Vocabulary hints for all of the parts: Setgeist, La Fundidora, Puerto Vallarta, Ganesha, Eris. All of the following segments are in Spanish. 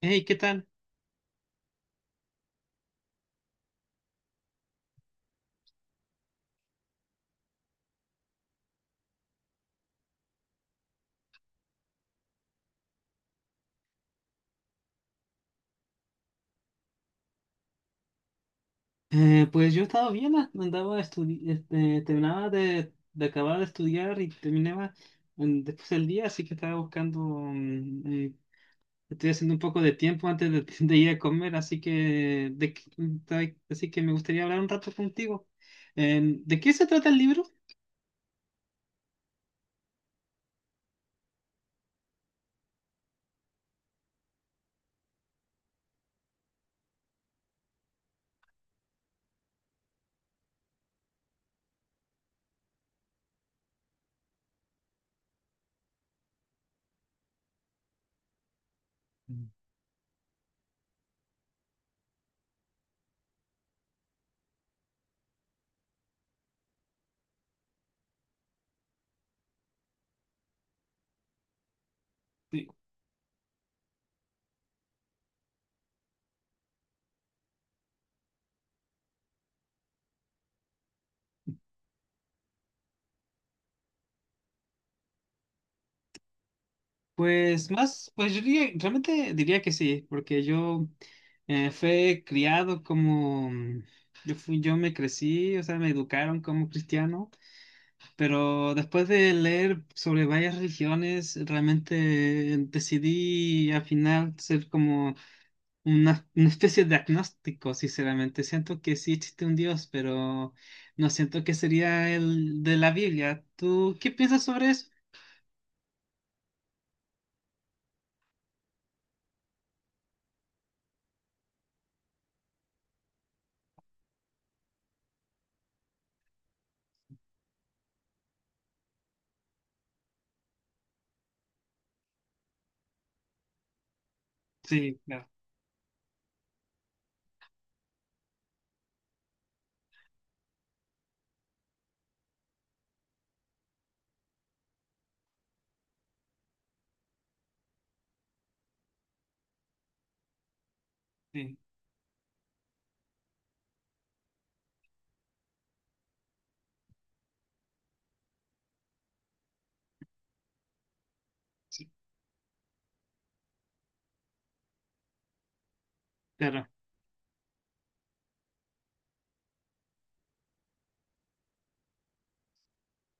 Hey, ¿qué tal? Pues yo he estado bien. Andaba terminaba de acabar de estudiar y terminaba después del día, así que estaba buscando, estoy haciendo un poco de tiempo antes de ir a comer, así que, de, qué- mm, ta- así que me gustaría hablar un rato contigo. ¿De qué se trata el libro? Mm. Pues más, pues yo diría- Realmente diría que sí, porque yo fui criado como, yo me crecí, o sea, me educaron como cristiano, pero después de leer sobre varias religiones, realmente decidí al final ser como una especie de agnóstico, sinceramente. Siento que sí existe un Dios, pero no siento que sería el de la Biblia. ¿Tú qué piensas sobre eso? Sí, claro, sí, sí, claro.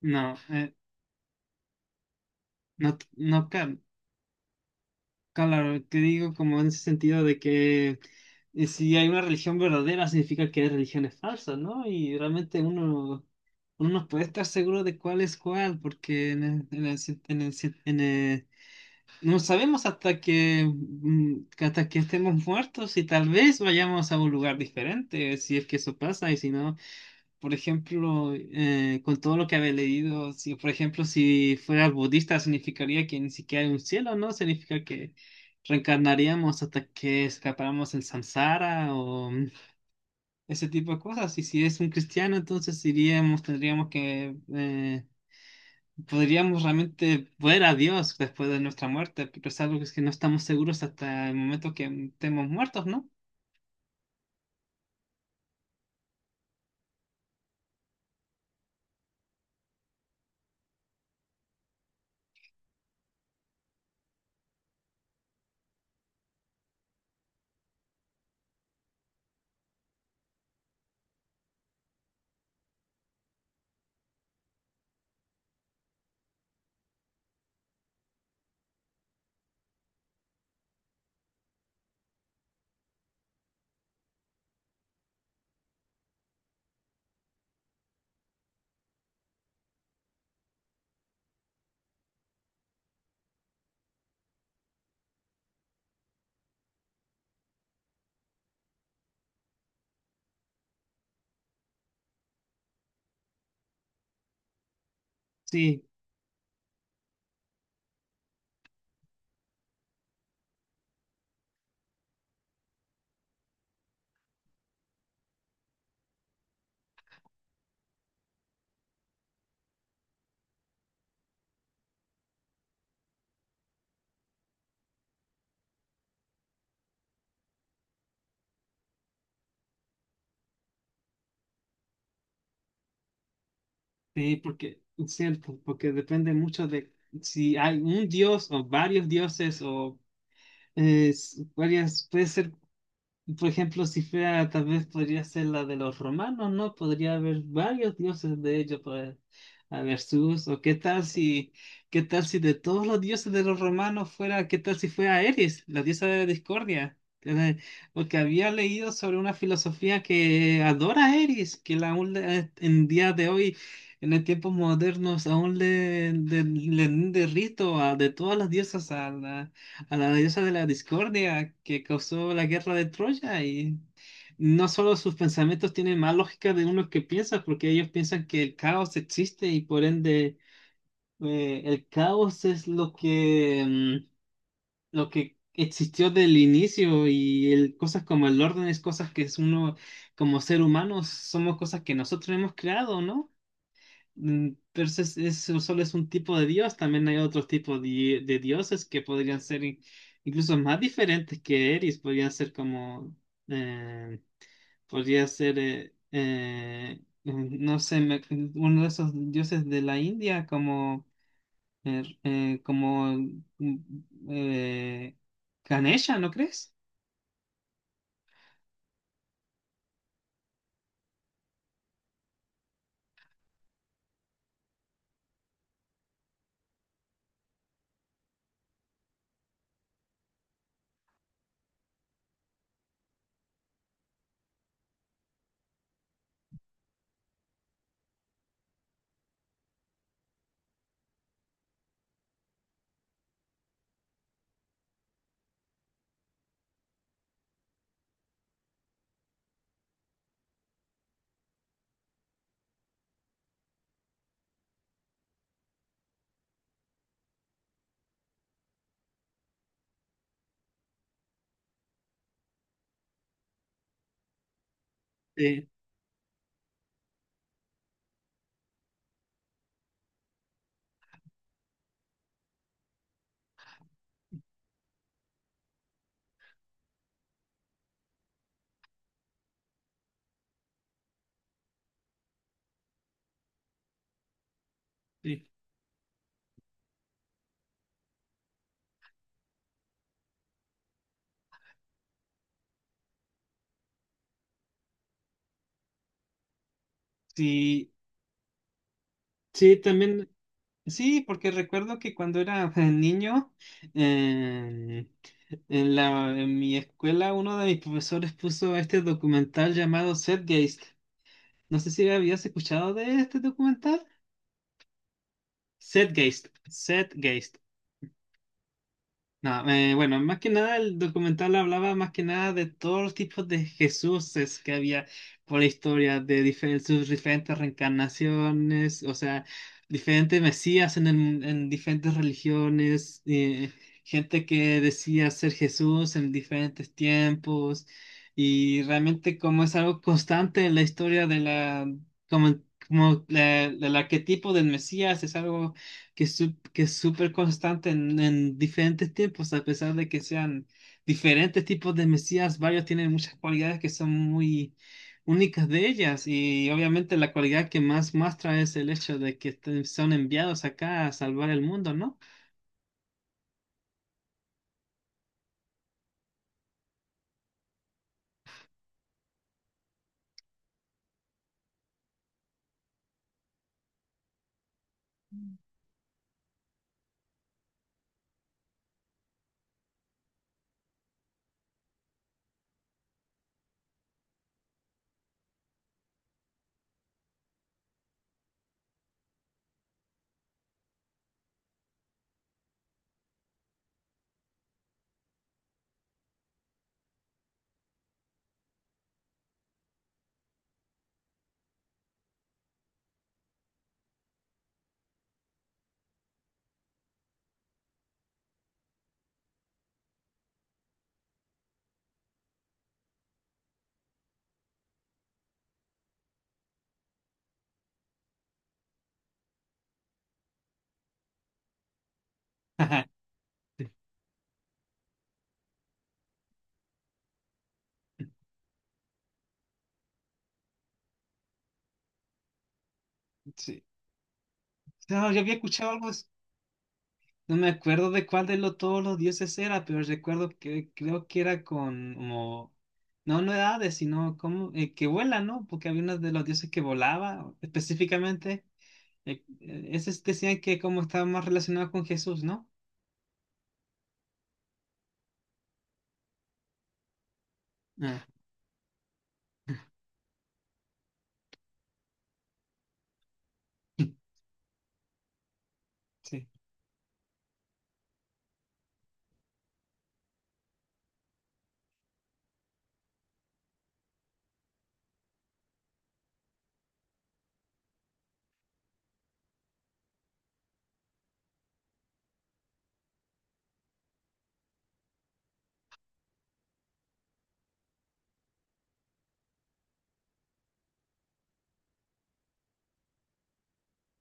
No, no, no, ca- claro, que digo como en ese sentido de que si hay una religión verdadera significa que hay religiones falsas, ¿no? Y realmente uno no puede estar seguro de cuál es cuál, porque en el cien- en el cien- en el- no sabemos hasta que, hasta que estemos muertos y tal vez vayamos a un lugar diferente, si es que eso pasa, y si no. Por ejemplo, con todo lo que había leído, si por ejemplo, si fueras budista, significaría que ni siquiera hay un cielo, ¿no? Significa que reencarnaríamos hasta que escapáramos el samsara o ese tipo de cosas. Y si es un cristiano, entonces iríamos, tendríamos que, podríamos realmente ver a Dios después de nuestra muerte, pero es algo que es que no estamos seguros hasta el momento que estemos muertos, ¿no? Sí. Sí, porque es cierto, porque depende mucho de si hay un dios o varios dioses o varias, puede ser por ejemplo, si fuera, tal vez podría ser la de los romanos, ¿no? Podría haber varios dioses de ellos, pues, a ver, Zeus, o qué tal si de todos los dioses de los romanos fuera, qué tal si fuera Eris, la diosa de la discordia. Eh, Porque había leído sobre una filosofía que adora a Eris, que la en día de hoy, en el tiempos modernos, aún le rinde rito a, de todas las diosas a la diosa de la discordia que causó la guerra de Troya, y no solo sus pensamientos tienen más lógica de uno que piensa, porque ellos piensan que el caos existe y por ende el caos es lo que, lo que existió del inicio, y el, cosas como el orden es cosas que es uno como ser humano somos cosas que nosotros hemos creado, ¿no? Mm, Entonces, eso solo es un tipo de Dios, también hay otros tipos de dioses que podrían ser incluso más diferentes que Eris, podrían ser como, eh, podría ser, no sé, uno de esos dioses de la India como, como mm, eh, Ganesha, ¿no crees? Sí, sí, sí, sí, también. Sí, porque recuerdo que cuando era niño, eh, en mi escuela uno de mis profesores puso este documental llamado Setgeist. No sé si habías escuchado de este documental. Setgeist, Setgeist. No, bueno, más que nada el documental hablaba más que nada de todos los tipos de Jesuses que había por la historia, de sus diferentes reencarnaciones, o sea, diferentes mesías en, en diferentes religiones, gente que decía ser Jesús en diferentes tiempos, y realmente como es algo constante en la historia de la, como, como el arquetipo del mesías, es algo que, es súper constante en diferentes tiempos, a pesar de que sean diferentes tipos de Mesías, varios tienen muchas cualidades que son muy únicas de ellas, y obviamente la cualidad que más muestra es el hecho de que son enviados acá a salvar el mundo, ¿no? Sí. No, yo había escuchado algo. No me acuerdo de cuál de lo, todos los dioses era, pero recuerdo que creo que era con como, no, no era Hades, sino como que vuela, ¿no? Porque había uno de los dioses que volaba específicamente. Esos decían que como estaba más relacionado con Jesús, ¿no? Ah, sí.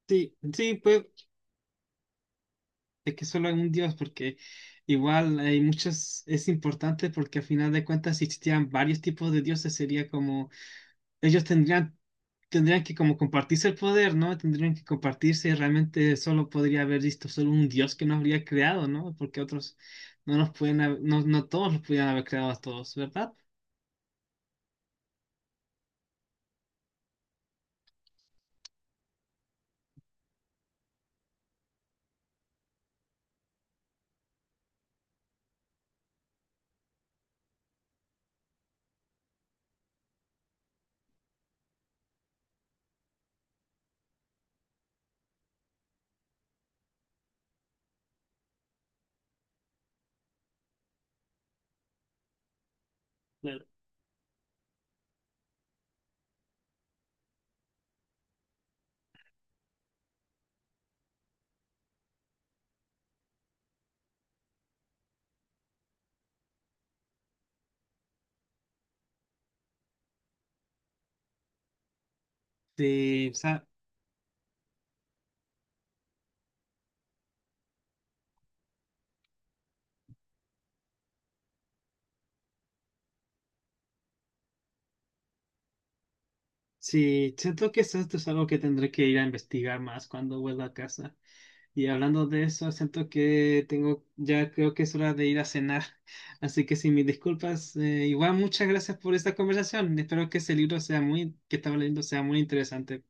Sí, sí, pues es que solo hay un dios, porque igual hay muchos, es importante porque al final de cuentas si existían varios tipos de dioses, sería como ellos tendrían, tendrían que como compartirse el poder, ¿no? Tendrían que compartirse y realmente solo podría haber visto solo un dios que nos habría creado, ¿no? Porque otros no nos pueden, no, no todos los pudieran haber creado a todos, ¿verdad? Claro. Sí, o sea, sí, siento que esto es algo que tendré que ir a investigar más cuando vuelva a casa. Y hablando de eso, siento que tengo, ya creo que es hora de ir a cenar. Así que sin mis disculpas, igual muchas gracias por esta conversación. Espero que ese libro sea muy, que estaba leyendo sea muy interesante.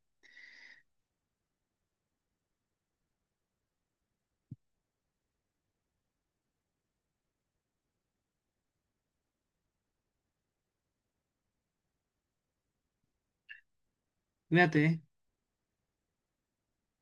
Cuídate, ¿eh?